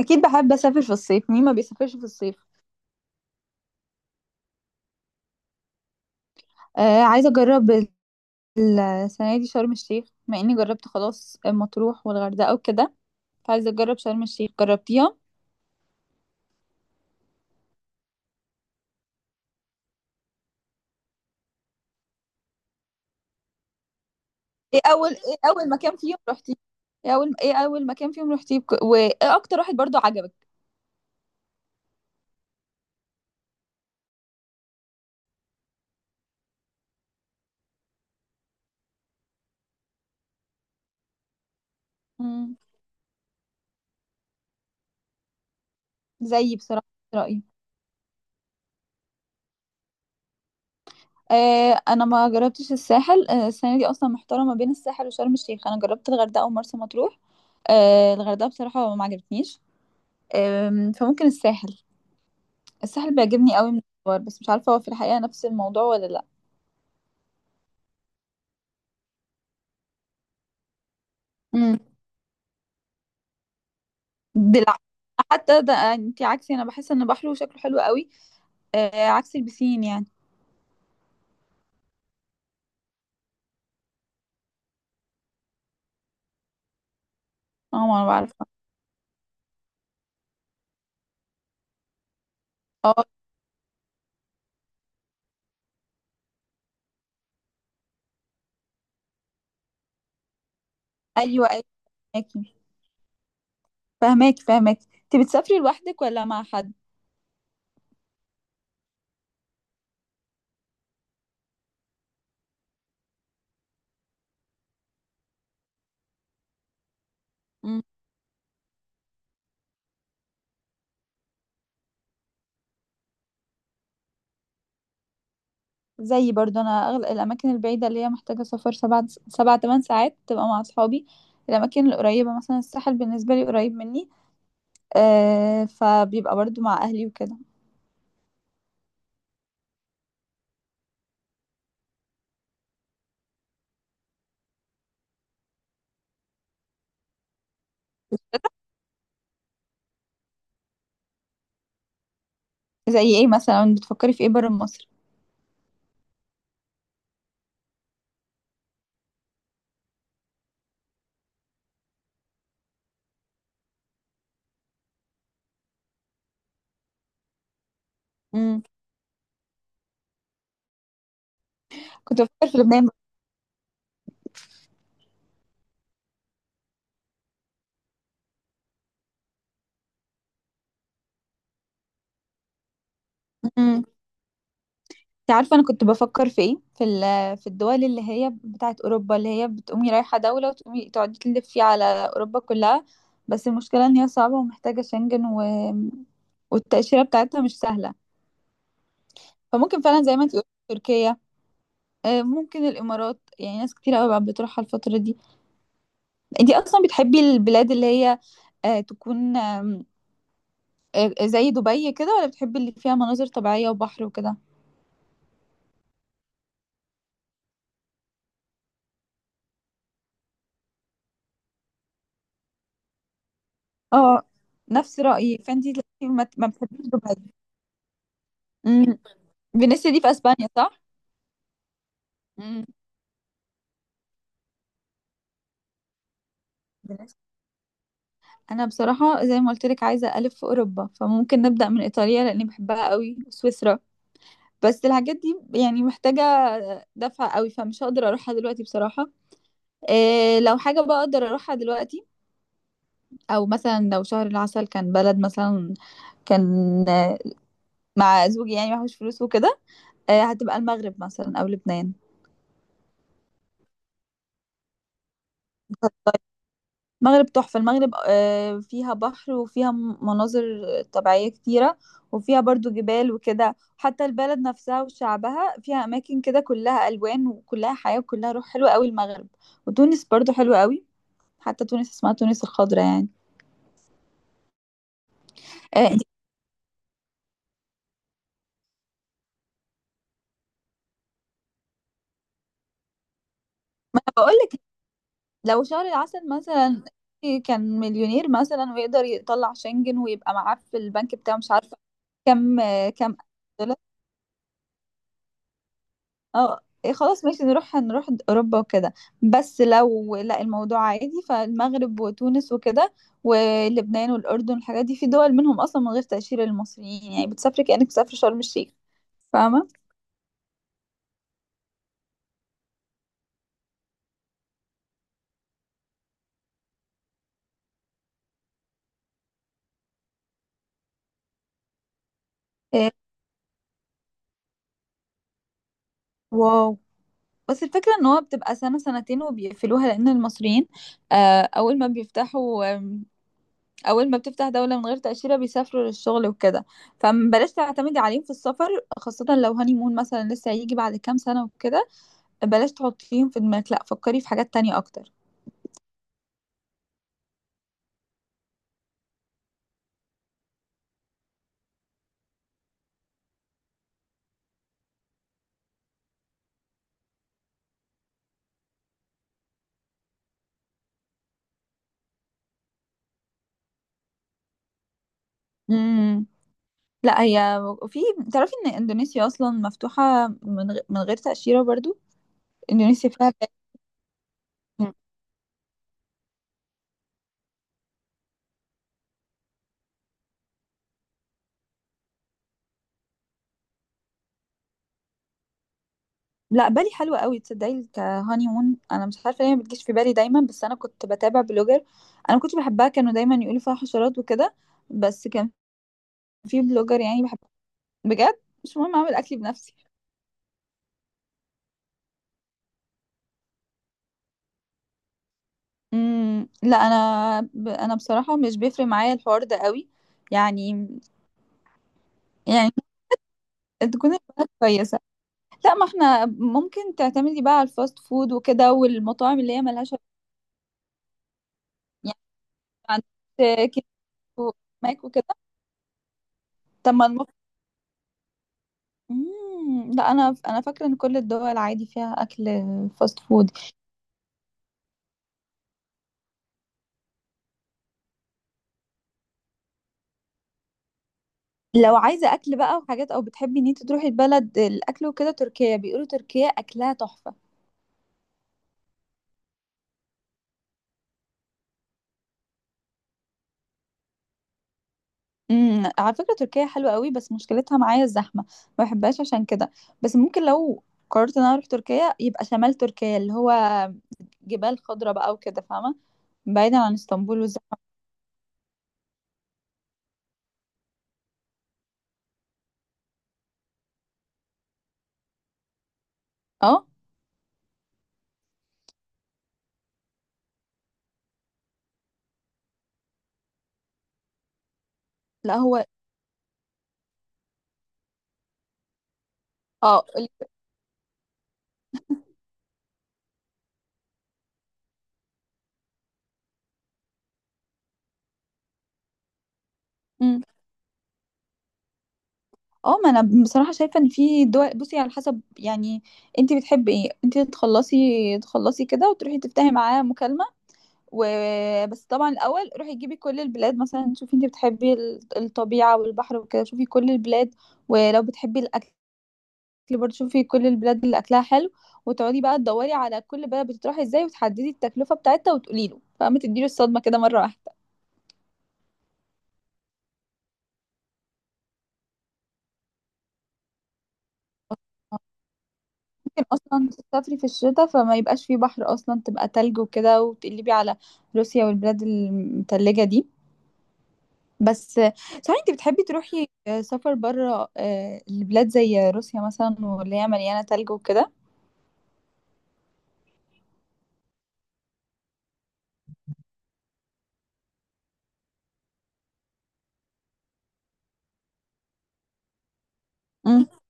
اكيد بحب اسافر في الصيف. مين ما بيسافرش في الصيف؟ آه، عايزه اجرب السنه دي شرم الشيخ، مع اني جربت خلاص مطروح والغردقه وكده، فعايزه اجرب شرم الشيخ. جربتيها؟ ايه اول ايه اول مكان فيهم رحتي ايه اول مكان فيهم رحتي وايه اكتر واحد برضو عجبك؟ مم. زيي بصراحه. رايي. آه، انا ما جربتش الساحل. آه، السنه دي اصلا محتاره ما بين الساحل وشرم الشيخ، انا جربت الغردقه ومرسى مطروح. آه، الغردقه بصراحه ما عجبتنيش. فممكن الساحل. الساحل بيعجبني قوي من الصور، بس مش عارفة هو في الحقيقة نفس الموضوع ولا لا. امم بالع... حتى ده، آه، انت عكسي. انا بحس ان بحره شكله حلو قوي، آه، عكس البسين يعني. اه، ما انا بعرف. اه ايوه، ايوه. فهماكي فهماكي، انت بتسافري لوحدك ولا مع حد؟ مم. زي برضه انا، الاماكن البعيده اللي هي محتاجه سفر سبع تمن ساعات تبقى مع اصحابي. الاماكن القريبه مثلا الساحل بالنسبه لي قريب مني، آه، فبيبقى برضه مع اهلي وكده. زي ايه مثلا؟ بتفكري في ايه بره مصر؟ كنت بفكر في لبنان. امم. انت عارفه انا كنت بفكر في ايه؟ في في الدول اللي هي بتاعت اوروبا، اللي هي بتقومي رايحه دوله وتقومي تقعدي تلفي على اوروبا كلها. بس المشكله ان هي صعبه ومحتاجه شنجن و... والتاشيره بتاعتها مش سهله. فممكن فعلا زي ما انت قلت تركيا، ممكن الامارات. يعني ناس كتير قوي بقى بتروحها الفتره دي. انت اصلا بتحبي البلاد اللي هي، تكون، زي دبي كده، ولا بتحبي اللي فيها مناظر طبيعيه وبحر وكده؟ اه، نفس رأيي. فانتي تلاقيكي ما بتحبيش دبي. امم. فينيسيا دي في اسبانيا، صح؟ امم. فينيسيا. انا بصراحة زي ما قلت لك عايزة الف في اوروبا، فممكن نبدأ من ايطاليا لاني بحبها قوي وسويسرا. بس الحاجات دي يعني محتاجة دفع قوي، فمش هقدر اروحها دلوقتي بصراحة. إيه لو حاجة بقى اقدر اروحها دلوقتي، او مثلا لو شهر العسل كان بلد مثلا، كان، آه، مع زوجي يعني معهوش فلوس وكده، آه، هتبقى المغرب مثلا او لبنان. المغرب تحفة. المغرب، آه، فيها بحر وفيها مناظر طبيعية كتيرة، وفيها برضو جبال وكده. حتى البلد نفسها وشعبها، فيها أماكن كده كلها ألوان وكلها حياة وكلها روح حلوة قوي المغرب. وتونس برضو حلوة قوي، حتى تونس اسمها تونس الخضراء يعني. آه، انت- ما أنا بقولك لو شهر العسل مثلا، إيه، كان مليونير مثلا ويقدر يطلع شنجن ويبقى معاه في البنك بتاعه، مش عارفة. كم، كم. اه. إيه خلاص ماشي، نروح اوروبا وكده. بس لو لا الموضوع عادي، فالمغرب وتونس وكده ولبنان والاردن، الحاجات دي في دول منهم اصلا من غير تاشيره للمصريين، يعني بتسافري كانك بتسافري شرم الشيخ. فاهمه. إيه. واو. بس الفكره ان هو بتبقى سنه سنتين وبيقفلوها، لان المصريين، آه، اول ما بيفتحوا، اول ما بتفتح دوله من غير تاشيره بيسافروا للشغل وكده، فبلاش تعتمدي عليهم في السفر، خاصه لو هاني مون مثلا لسه هيجي بعد كام سنه وكده. بلاش تحطيهم في دماغك، لا، فكري في حاجات تانية اكتر. امم. لا هي، في، تعرفي ان اندونيسيا اصلا مفتوحة من من غير تأشيرة برضو. اندونيسيا فيها بالي. مم. لا، بالي حلوة قوي، تصدقي، كهاني مون انا مش عارفة ليه ما بتجيش في بالي دايما. بس انا كنت بتابع بلوجر انا كنت بحبها، كانوا دايما يقولوا فيها حشرات وكده. بس كان في بلوجر يعني بحب. بجد مش مهم، اعمل اكلي بنفسي. امم. لا، انا انا بصراحة مش بيفرق معايا الحوار ده قوي يعني. يعني تكون البلد كويسة. لا، ما احنا ممكن تعتمدي بقى على الفاست فود وكده والمطاعم اللي هي ملهاش يعني. عندك كيك وماك وكده. طب ما لا، انا فاكره ان كل الدول عادي فيها اكل فاست فود. لو عايزه اكل بقى وحاجات، او بتحبي ان انت تروحي البلد الاكل وكده، تركيا بيقولوا تركيا اكلها تحفه. امم. على فكره تركيا حلوه قوي، بس مشكلتها معايا الزحمه، ما بحبهاش عشان كده. بس ممكن لو قررت ان انا اروح تركيا، يبقى شمال تركيا اللي هو جبال خضراء بقى وكده، فاهمه، بعيدا عن اسطنبول والزحمه. اه. لا هو. اه مم. اه، ما انا بصراحه شايفه ان في دول. بصي، على حسب يعني انت بتحبي ايه. انت تخلصي كده وتروحي تفتحي معاه مكالمه وبس. طبعا الاول روحي جيبي كل البلاد مثلا، شوفي انت بتحبي الطبيعه والبحر وكده، شوفي كل البلاد. ولو بتحبي الاكل، برضه شوفي كل البلاد اللي اكلها حلو، وتقعدي بقى تدوري على كل بلد بتروحي ازاي، وتحددي التكلفه بتاعتها، وتقولي له، فما تديله الصدمه كده مره واحده. ممكن اصلا تسافري في الشتاء، فما يبقاش فيه بحر اصلا، تبقى تلج وكده، وتقلبي على روسيا والبلاد المتلجة دي. بس صحيح، انت بتحبي تروحي سفر بره، البلاد زي روسيا مثلا واللي هي مليانة تلج وكده؟ امم.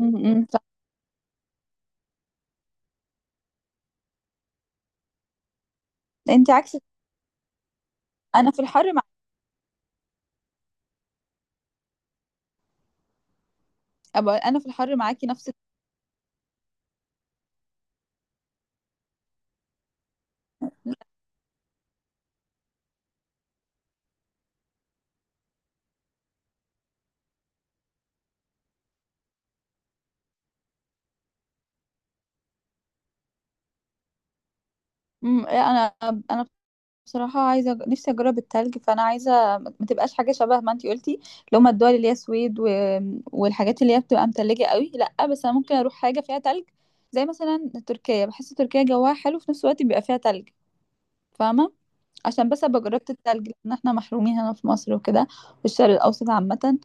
امم. انت عكس انا. في الحر مع، أبقى انا في الحر معاكي نفس. انا انا بصراحة عايزة نفسي أجرب التلج، فأنا عايزة ما تبقاش حاجة شبه ما انتي قلتي، اللي هما الدول اللي هي السويد و... والحاجات اللي هي بتبقى متلجة قوي، لأ. بس أنا ممكن أروح حاجة فيها تلج، زي مثلا تركيا. بحس تركيا جواها حلو، في نفس الوقت بيبقى فيها تلج، فاهمة، عشان بس ابقى جربت التلج، لان احنا محرومين هنا في مصر وكده، في الشرق الاوسط عامة،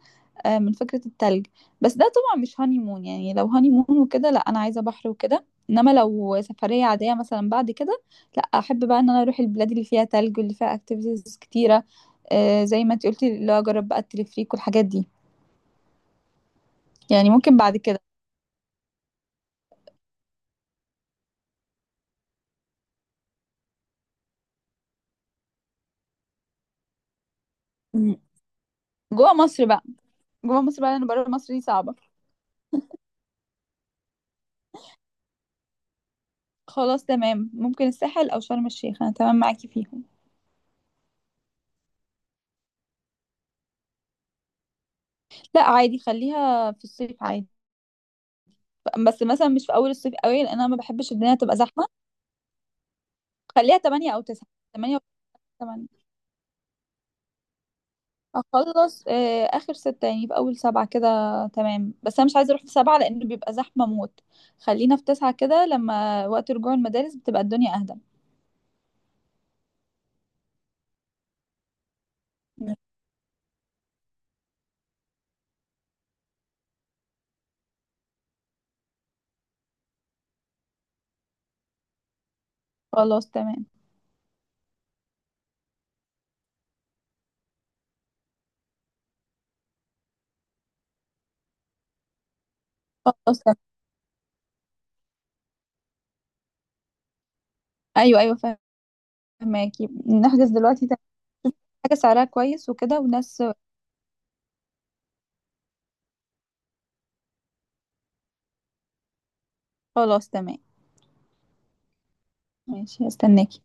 آه، من فكرة التلج. بس ده طبعا مش هاني مون. يعني لو هاني مون وكده لا، انا عايزة بحر وكده. انما لو سفرية عادية مثلا بعد كده، لا، احب بقى ان انا اروح البلاد اللي فيها تلج واللي فيها اكتيفيتيز كتيرة، آه، زي ما انت قلتي اللي هو اجرب بقى التلفريك والحاجات دي. يعني ممكن بعد كده. مم. جوه مصر بقى. جوه مصر بقى، لان بره مصر دي صعبة. خلاص تمام، ممكن الساحل او شرم الشيخ، انا تمام معاكي فيهم. لا عادي، خليها في الصيف عادي. بس مثلا مش في اول الصيف قوي، لان انا ما بحبش الدنيا تبقى زحمه. خليها 8 او 9 8 او 8. اخلص، آه، اخر 6 يعني في اول 7 كده. تمام، بس انا مش عايزه اروح في 7، لان بيبقى زحمه موت. خلينا في 9 كده، لما وقت رجوع المدارس بتبقى الدنيا اهدى. خلاص تمام. خلاص تمام. ايوه، ايوه. فهماكي، نحجز دلوقتي تمام. حاجه سعرها كويس وكده وناس. خلاص تمام. ماشي، هستناكي.